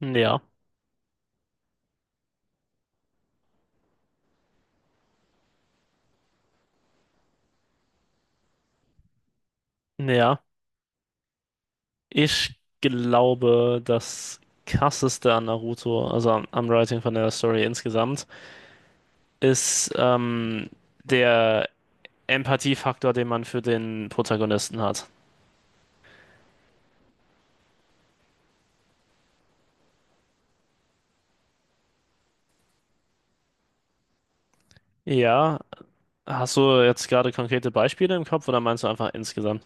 Ja, ja. Ich glaube, das krasseste an Naruto, also am Writing von der Story insgesamt, ist der Empathiefaktor, den man für den Protagonisten hat. Ja, hast du jetzt gerade konkrete Beispiele im Kopf oder meinst du einfach insgesamt?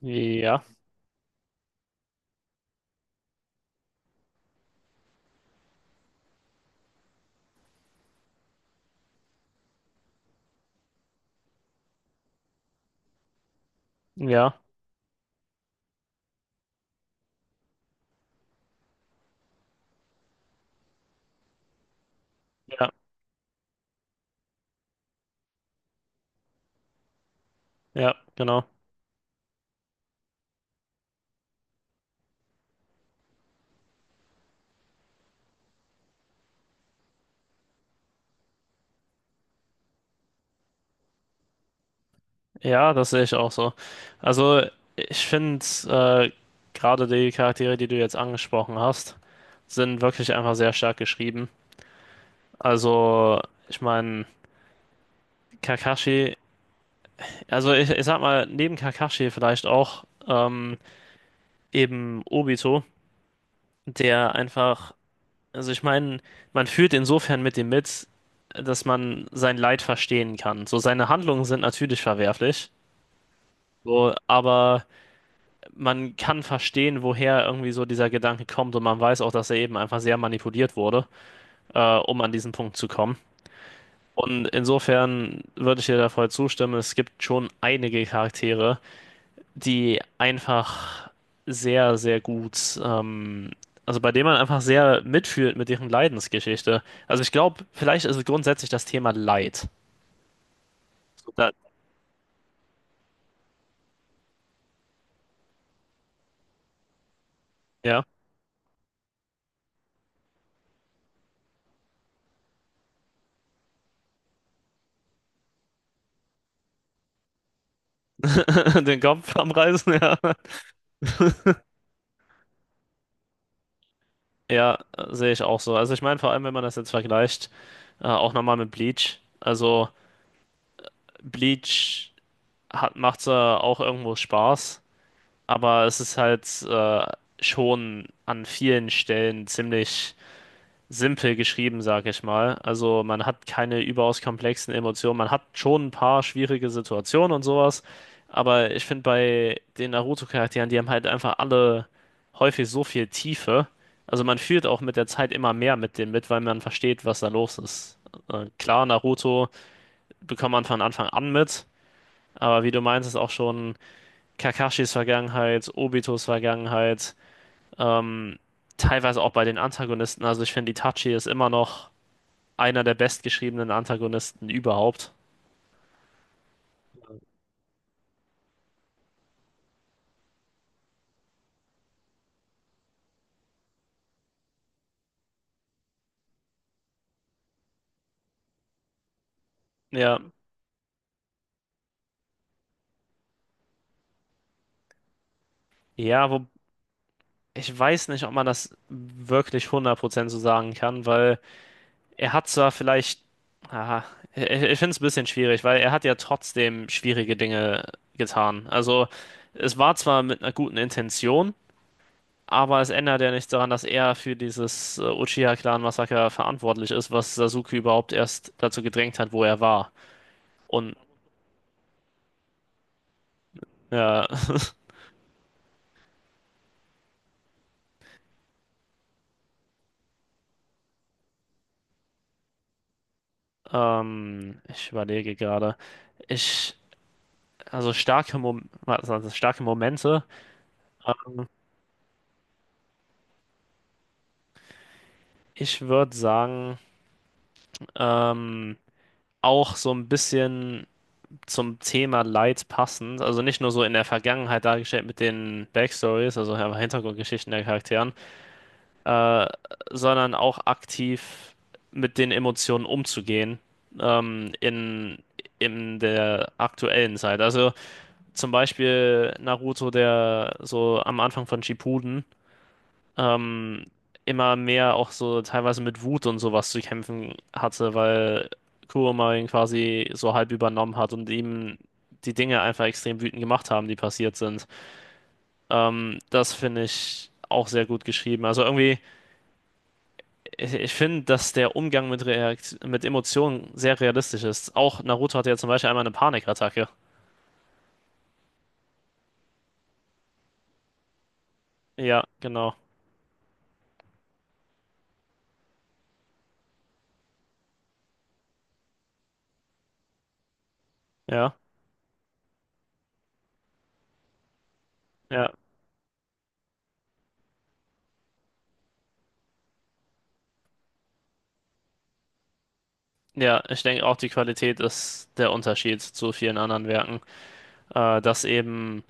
Ja, ja, ja, ja, genau. Ja, das sehe ich auch so. Also, ich finde, gerade die Charaktere, die du jetzt angesprochen hast, sind wirklich einfach sehr stark geschrieben. Also, ich meine, Kakashi, also ich sag mal, neben Kakashi vielleicht auch eben Obito, der einfach, also ich meine, man fühlt insofern mit dem mit, dass man sein Leid verstehen kann. So, seine Handlungen sind natürlich verwerflich, so, aber man kann verstehen, woher irgendwie so dieser Gedanke kommt und man weiß auch, dass er eben einfach sehr manipuliert wurde, um an diesen Punkt zu kommen. Und insofern würde ich dir da voll zustimmen. Es gibt schon einige Charaktere, die einfach sehr, sehr gut, also bei denen man einfach sehr mitfühlt mit deren Leidensgeschichte. Also ich glaube, vielleicht ist es grundsätzlich das Thema Leid. So, Da, ja, den Kopf am Reißen, ja. Ja, sehe ich auch so. Also ich meine, vor allem, wenn man das jetzt vergleicht, auch nochmal mit Bleach. Also Bleach hat, macht zwar auch irgendwo Spaß, aber es ist halt schon an vielen Stellen ziemlich simpel geschrieben, sag ich mal. Also man hat keine überaus komplexen Emotionen. Man hat schon ein paar schwierige Situationen und sowas. Aber ich finde bei den Naruto-Charakteren, die haben halt einfach alle häufig so viel Tiefe. Also man fühlt auch mit der Zeit immer mehr mit denen mit, weil man versteht, was da los ist. Klar, Naruto bekommt man von Anfang an mit. Aber wie du meinst, ist auch schon Kakashis Vergangenheit, Obitos Vergangenheit, ähm, teilweise auch bei den Antagonisten. Also ich finde, Itachi ist immer noch einer der bestgeschriebenen Antagonisten überhaupt. Ja, ja, wo ich weiß nicht, ob man das wirklich 100% so sagen kann, weil er hat zwar vielleicht, ah, ich finde es ein bisschen schwierig, weil er hat ja trotzdem schwierige Dinge getan. Also es war zwar mit einer guten Intention, aber es ändert ja nichts daran, dass er für dieses Uchiha-Clan-Massaker verantwortlich ist, was Sasuke überhaupt erst dazu gedrängt hat, wo er war. Und ja, ich überlege gerade. Ich, also starke Momente. Äh, Ich würde sagen, ähm, auch so ein bisschen zum Thema Leid passend. Also nicht nur so in der Vergangenheit dargestellt mit den Backstories, also einfach Hintergrundgeschichten der Charakteren, äh, sondern auch aktiv mit den Emotionen umzugehen, ähm, in, in der aktuellen Zeit. Also zum Beispiel Naruto, der so am Anfang von Shippuden ähm, immer mehr auch so teilweise mit Wut und sowas zu kämpfen hatte, weil Kurama ihn quasi so halb übernommen hat und ihm die Dinge einfach extrem wütend gemacht haben, die passiert sind. Das finde ich auch sehr gut geschrieben. Also irgendwie, ich finde, dass der Umgang mit Reakt mit Emotionen sehr realistisch ist. Auch Naruto hatte ja zum Beispiel einmal eine Panikattacke. Ja, genau. Ja. Ja. Ja, ich denke auch, die Qualität ist der Unterschied zu vielen anderen Werken. Dass eben,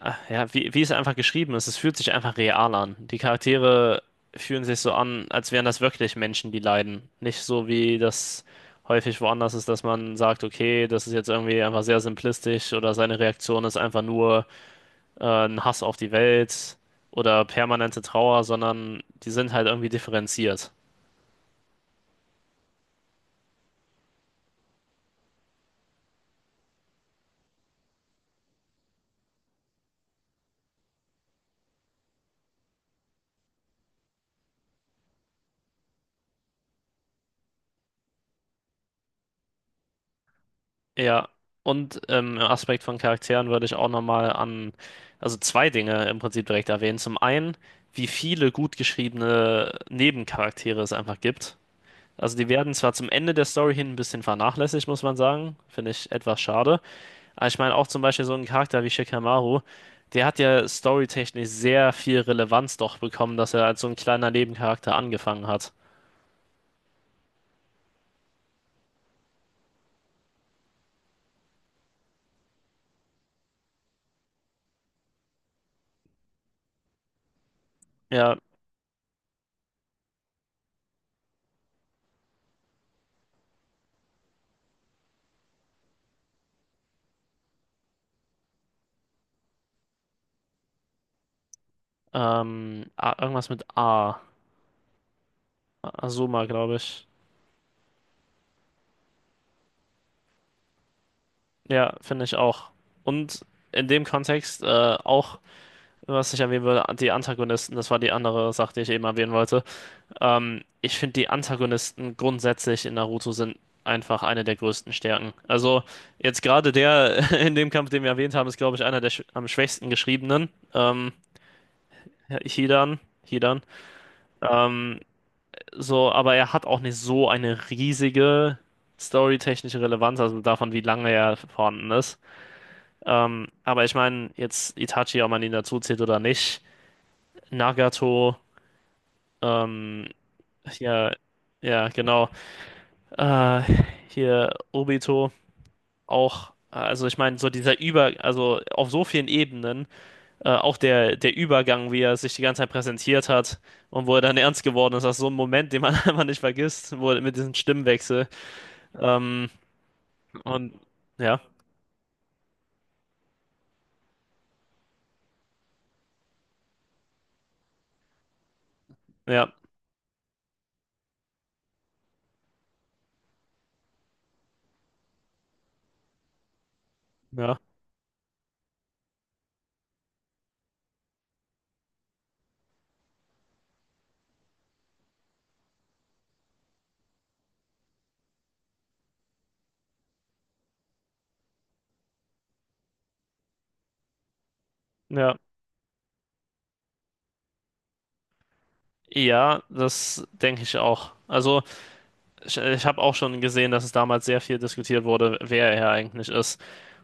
ja, wie es einfach geschrieben ist, es fühlt sich einfach real an. Die Charaktere fühlen sich so an, als wären das wirklich Menschen, die leiden. Nicht so wie das häufig woanders ist, dass man sagt, okay, das ist jetzt irgendwie einfach sehr simplistisch oder seine Reaktion ist einfach nur ein Hass auf die Welt oder permanente Trauer, sondern die sind halt irgendwie differenziert. Ja, und im Aspekt von Charakteren würde ich auch nochmal also zwei Dinge im Prinzip direkt erwähnen. Zum einen, wie viele gut geschriebene Nebencharaktere es einfach gibt. Also die werden zwar zum Ende der Story hin ein bisschen vernachlässigt, muss man sagen. Finde ich etwas schade. Aber ich meine auch zum Beispiel so einen Charakter wie Shikamaru, der hat ja storytechnisch sehr viel Relevanz doch bekommen, dass er als so ein kleiner Nebencharakter angefangen hat. Ja, irgendwas mit A. Azuma, glaube ich. Ja, finde ich auch. Und in dem Kontext auch, was ich erwähnen würde, die Antagonisten, das war die andere Sache, die ich eben erwähnen wollte. Ich finde, die Antagonisten grundsätzlich in Naruto sind einfach eine der größten Stärken. Also jetzt gerade der in dem Kampf, den wir erwähnt haben, ist, glaube ich, einer der sch am schwächsten geschriebenen. Hidan, Hidan. Ähm, so, aber er hat auch nicht so eine riesige storytechnische Relevanz, also davon, wie lange er vorhanden ist. Aber ich meine, jetzt Itachi, ob man ihn dazu zählt oder nicht, Nagato, ähm, ja, ja, genau, äh, hier Obito auch, also ich meine, so dieser also auf so vielen Ebenen, auch der Übergang, wie er sich die ganze Zeit präsentiert hat und wo er dann ernst geworden ist, das ist so ein Moment, den man einfach nicht vergisst, wo er mit diesem Stimmwechsel, ähm, und ja, ja, ja, ja, ja, das denke ich auch. Also, Ich habe auch schon gesehen, dass es damals sehr viel diskutiert wurde, wer er eigentlich ist.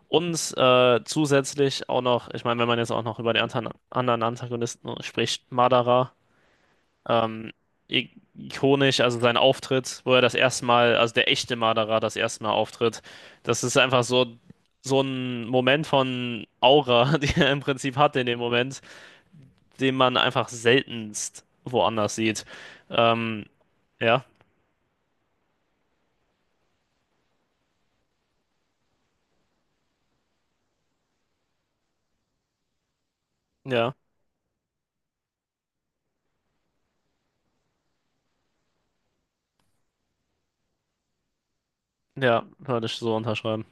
Und zusätzlich auch noch, ich meine, wenn man jetzt auch noch über die anderen Antagonisten spricht, Madara, ähm, i- ikonisch, also sein Auftritt, wo er das erste Mal, also der echte Madara das erste Mal auftritt, das ist einfach so, so ein Moment von Aura, die er im Prinzip hat in dem Moment, den man einfach seltenst woanders sieht. Ähm, ja, ja, ja, würde ich so unterschreiben.